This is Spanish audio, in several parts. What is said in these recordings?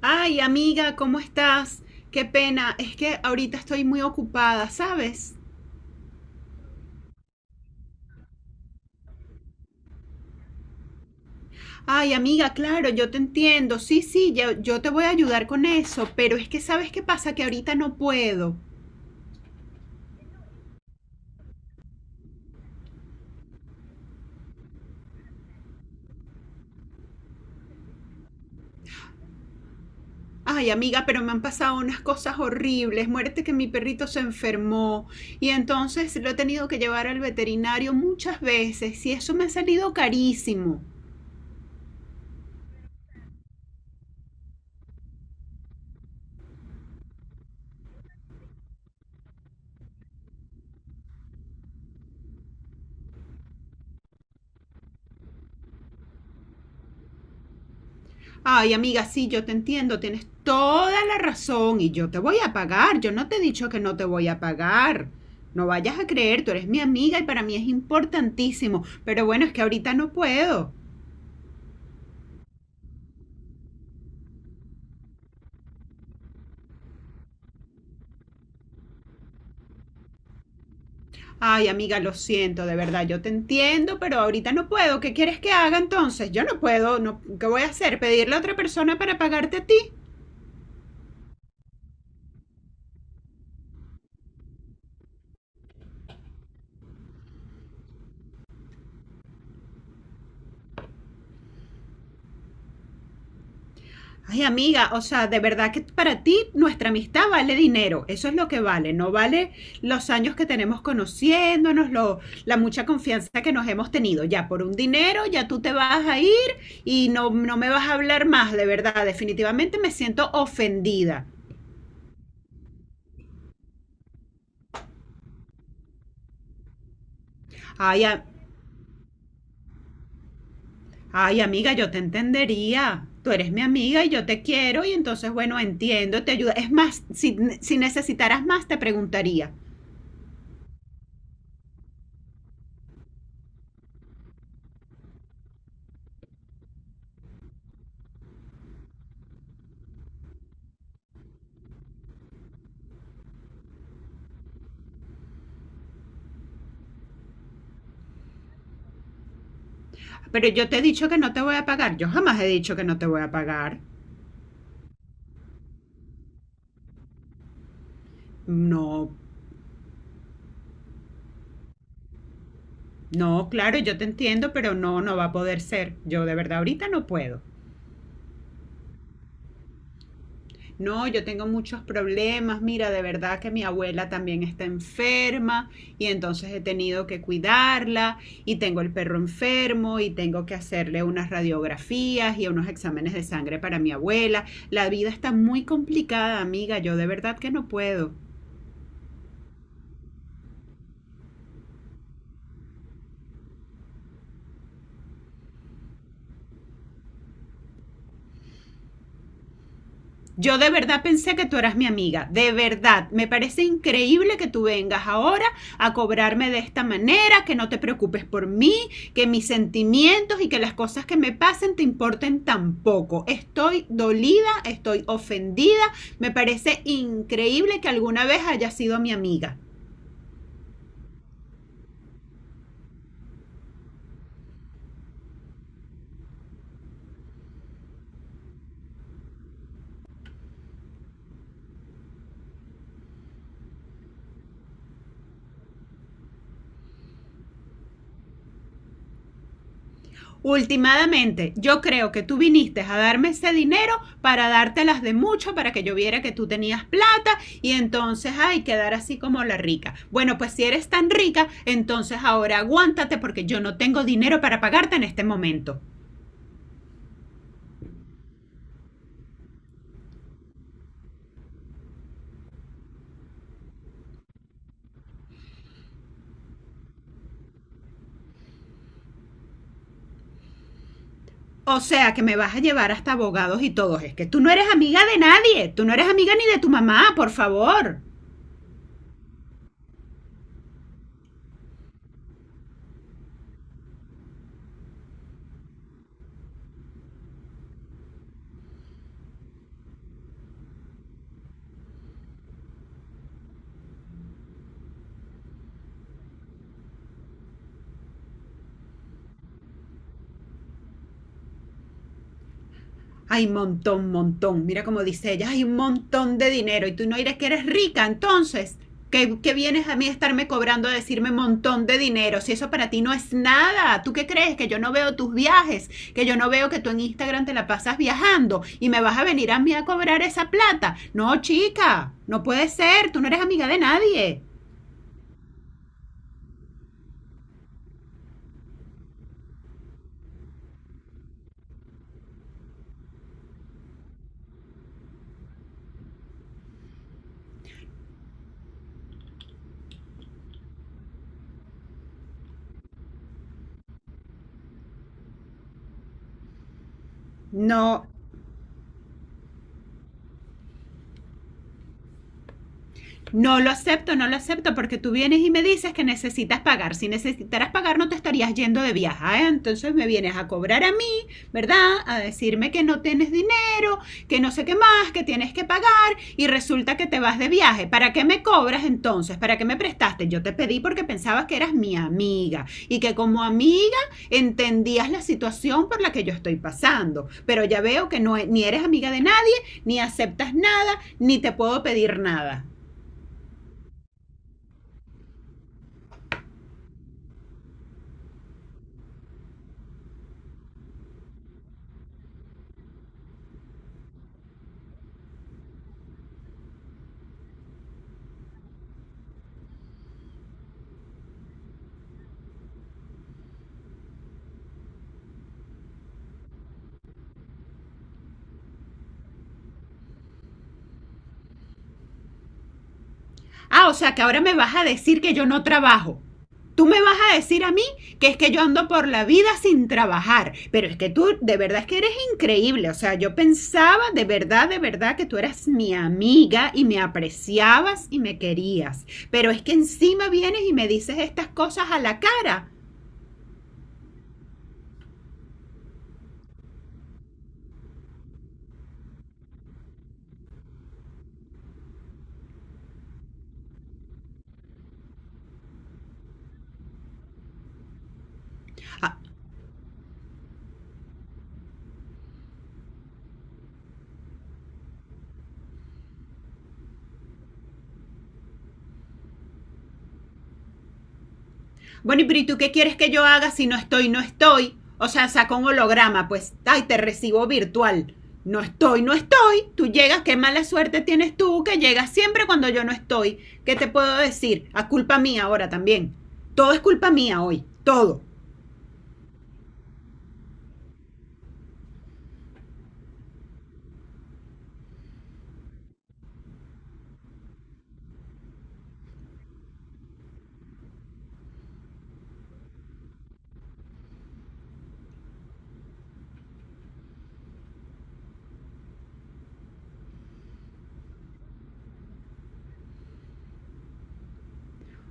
Ay, amiga, ¿cómo estás? Qué pena, es que ahorita estoy muy ocupada, ¿sabes? Ay, amiga, claro, yo te entiendo. Sí, sí, yo te voy a ayudar con eso, pero es que ¿sabes qué pasa? Que ahorita no puedo. Ay, amiga, pero me han pasado unas cosas horribles. Muérete que mi perrito se enfermó y entonces lo he tenido que llevar al veterinario muchas veces y eso me ha salido carísimo. Ay, amiga, sí, yo te entiendo, tienes toda la razón y yo te voy a pagar. Yo no te he dicho que no te voy a pagar. No vayas a creer, tú eres mi amiga y para mí es importantísimo. Pero bueno, es que ahorita no puedo. Ay, amiga, lo siento, de verdad, yo te entiendo, pero ahorita no puedo. ¿Qué quieres que haga entonces? Yo no puedo, no, ¿qué voy a hacer? ¿Pedirle a otra persona para pagarte a ti? Ay, amiga, o sea, de verdad que para ti nuestra amistad vale dinero. Eso es lo que vale. No vale los años que tenemos conociéndonos, la mucha confianza que nos hemos tenido. Ya por un dinero, ya tú te vas a ir y no, no me vas a hablar más, de verdad. Definitivamente me siento ofendida. Ay, ay, amiga, yo te entendería. Tú eres mi amiga y yo te quiero y entonces, bueno, entiendo, te ayudo. Es más, si necesitaras más, te preguntaría. Pero yo te he dicho que no te voy a pagar. Yo jamás he dicho que no te voy a pagar. No, no, claro, yo te entiendo, pero no, no va a poder ser. Yo de verdad ahorita no puedo. No, yo tengo muchos problemas. Mira, de verdad que mi abuela también está enferma y entonces he tenido que cuidarla y tengo el perro enfermo y tengo que hacerle unas radiografías y unos exámenes de sangre para mi abuela. La vida está muy complicada, amiga. Yo de verdad que no puedo. Yo de verdad pensé que tú eras mi amiga, de verdad. Me parece increíble que tú vengas ahora a cobrarme de esta manera, que no te preocupes por mí, que mis sentimientos y que las cosas que me pasen te importen tampoco. Estoy dolida, estoy ofendida. Me parece increíble que alguna vez hayas sido mi amiga. Últimamente, yo creo que tú viniste a darme ese dinero para dártelas de mucho, para que yo viera que tú tenías plata y entonces ay quedar así como la rica. Bueno, pues si eres tan rica, entonces ahora aguántate porque yo no tengo dinero para pagarte en este momento. O sea que me vas a llevar hasta abogados y todos. Es que tú no eres amiga de nadie. Tú no eres amiga ni de tu mamá, por favor. Hay montón, montón. Mira cómo dice ella, hay un montón de dinero y tú no dirás que eres rica, entonces, ¿qué, qué vienes a mí a estarme cobrando a decirme montón de dinero? Si eso para ti no es nada, ¿tú qué crees? Que yo no veo tus viajes, que yo no veo que tú en Instagram te la pasas viajando y me vas a venir a mí a cobrar esa plata. No, chica, no puede ser, tú no eres amiga de nadie. No, no lo acepto, no lo acepto, porque tú vienes y me dices que necesitas pagar. Si necesitaras pagar, no te estarías yendo de viaje. ¿Eh? Entonces me vienes a cobrar a mí, ¿verdad? A decirme que no tienes dinero, que no sé qué más, que tienes que pagar, y resulta que te vas de viaje. ¿Para qué me cobras entonces? ¿Para qué me prestaste? Yo te pedí porque pensabas que eras mi amiga y que como amiga entendías la situación por la que yo estoy pasando. Pero ya veo que no, ni eres amiga de nadie, ni aceptas nada, ni te puedo pedir nada. Ah, o sea que ahora me vas a decir que yo no trabajo. Tú me vas a decir a mí que es que yo ando por la vida sin trabajar, pero es que tú de verdad es que eres increíble, o sea, yo pensaba de verdad que tú eras mi amiga y me apreciabas y me querías, pero es que encima vienes y me dices estas cosas a la cara. Ah. Bueno, pero ¿y tú qué quieres que yo haga si no estoy, no estoy? O sea, saca un holograma, pues, ay, te recibo virtual. No estoy, no estoy. Tú llegas, qué mala suerte tienes tú que llegas siempre cuando yo no estoy. ¿Qué te puedo decir? A culpa mía ahora también. Todo es culpa mía hoy, todo.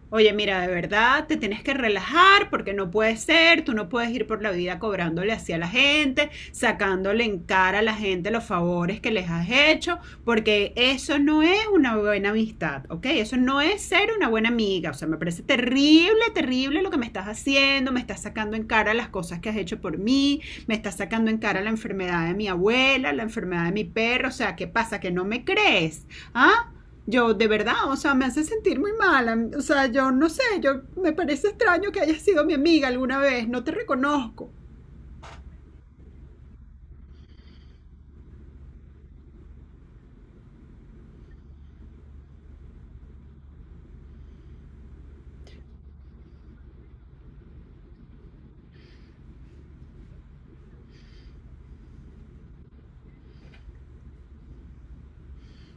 Oye, mira, de verdad te tienes que relajar porque no puede ser, tú no puedes ir por la vida cobrándole así a la gente, sacándole en cara a la gente los favores que les has hecho, porque eso no es una buena amistad, ¿ok? Eso no es ser una buena amiga, o sea, me parece terrible, terrible lo que me estás haciendo, me estás sacando en cara las cosas que has hecho por mí, me estás sacando en cara la enfermedad de mi abuela, la enfermedad de mi perro, o sea, ¿qué pasa? ¿Que no me crees? ¿Ah? Yo, de verdad, o sea, me hace sentir muy mala. O sea, yo no sé, yo me parece extraño que hayas sido mi amiga alguna vez, no te reconozco.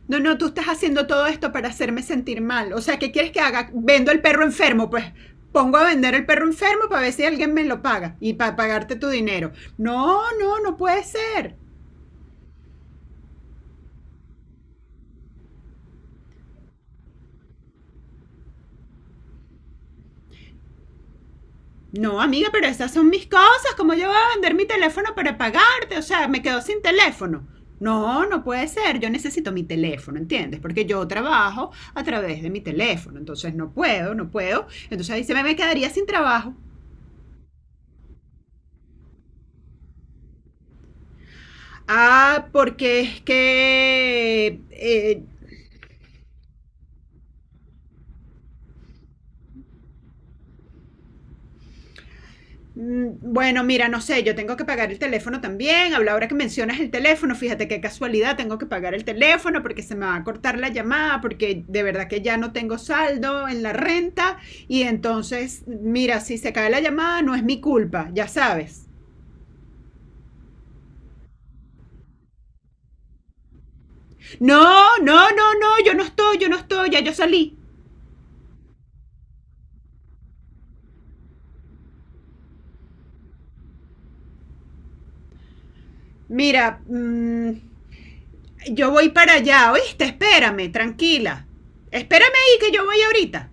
No, no, tú estás haciendo todo esto para hacerme sentir mal. O sea, ¿qué quieres que haga? Vendo el perro enfermo, pues pongo a vender el perro enfermo para ver si alguien me lo paga y para pagarte tu dinero. No, no, no puede ser. No, amiga, pero esas son mis cosas. ¿Cómo yo voy a vender mi teléfono para pagarte? O sea, me quedo sin teléfono. No, no puede ser. Yo necesito mi teléfono, ¿entiendes? Porque yo trabajo a través de mi teléfono. Entonces no puedo, no puedo. Entonces ahí se me, me quedaría sin trabajo. Ah, porque es que mm, bueno, mira, no sé, yo tengo que pagar el teléfono también. Habla ahora que mencionas el teléfono, fíjate qué casualidad, tengo que pagar el teléfono porque se me va a cortar la llamada, porque de verdad que ya no tengo saldo en la renta y entonces, mira, si se cae la llamada no es mi culpa, ya sabes. No, no, no, no, yo no estoy, ya yo salí. Mira, yo voy para allá, ¿oíste? Espérame, tranquila. Espérame ahí que yo voy ahorita.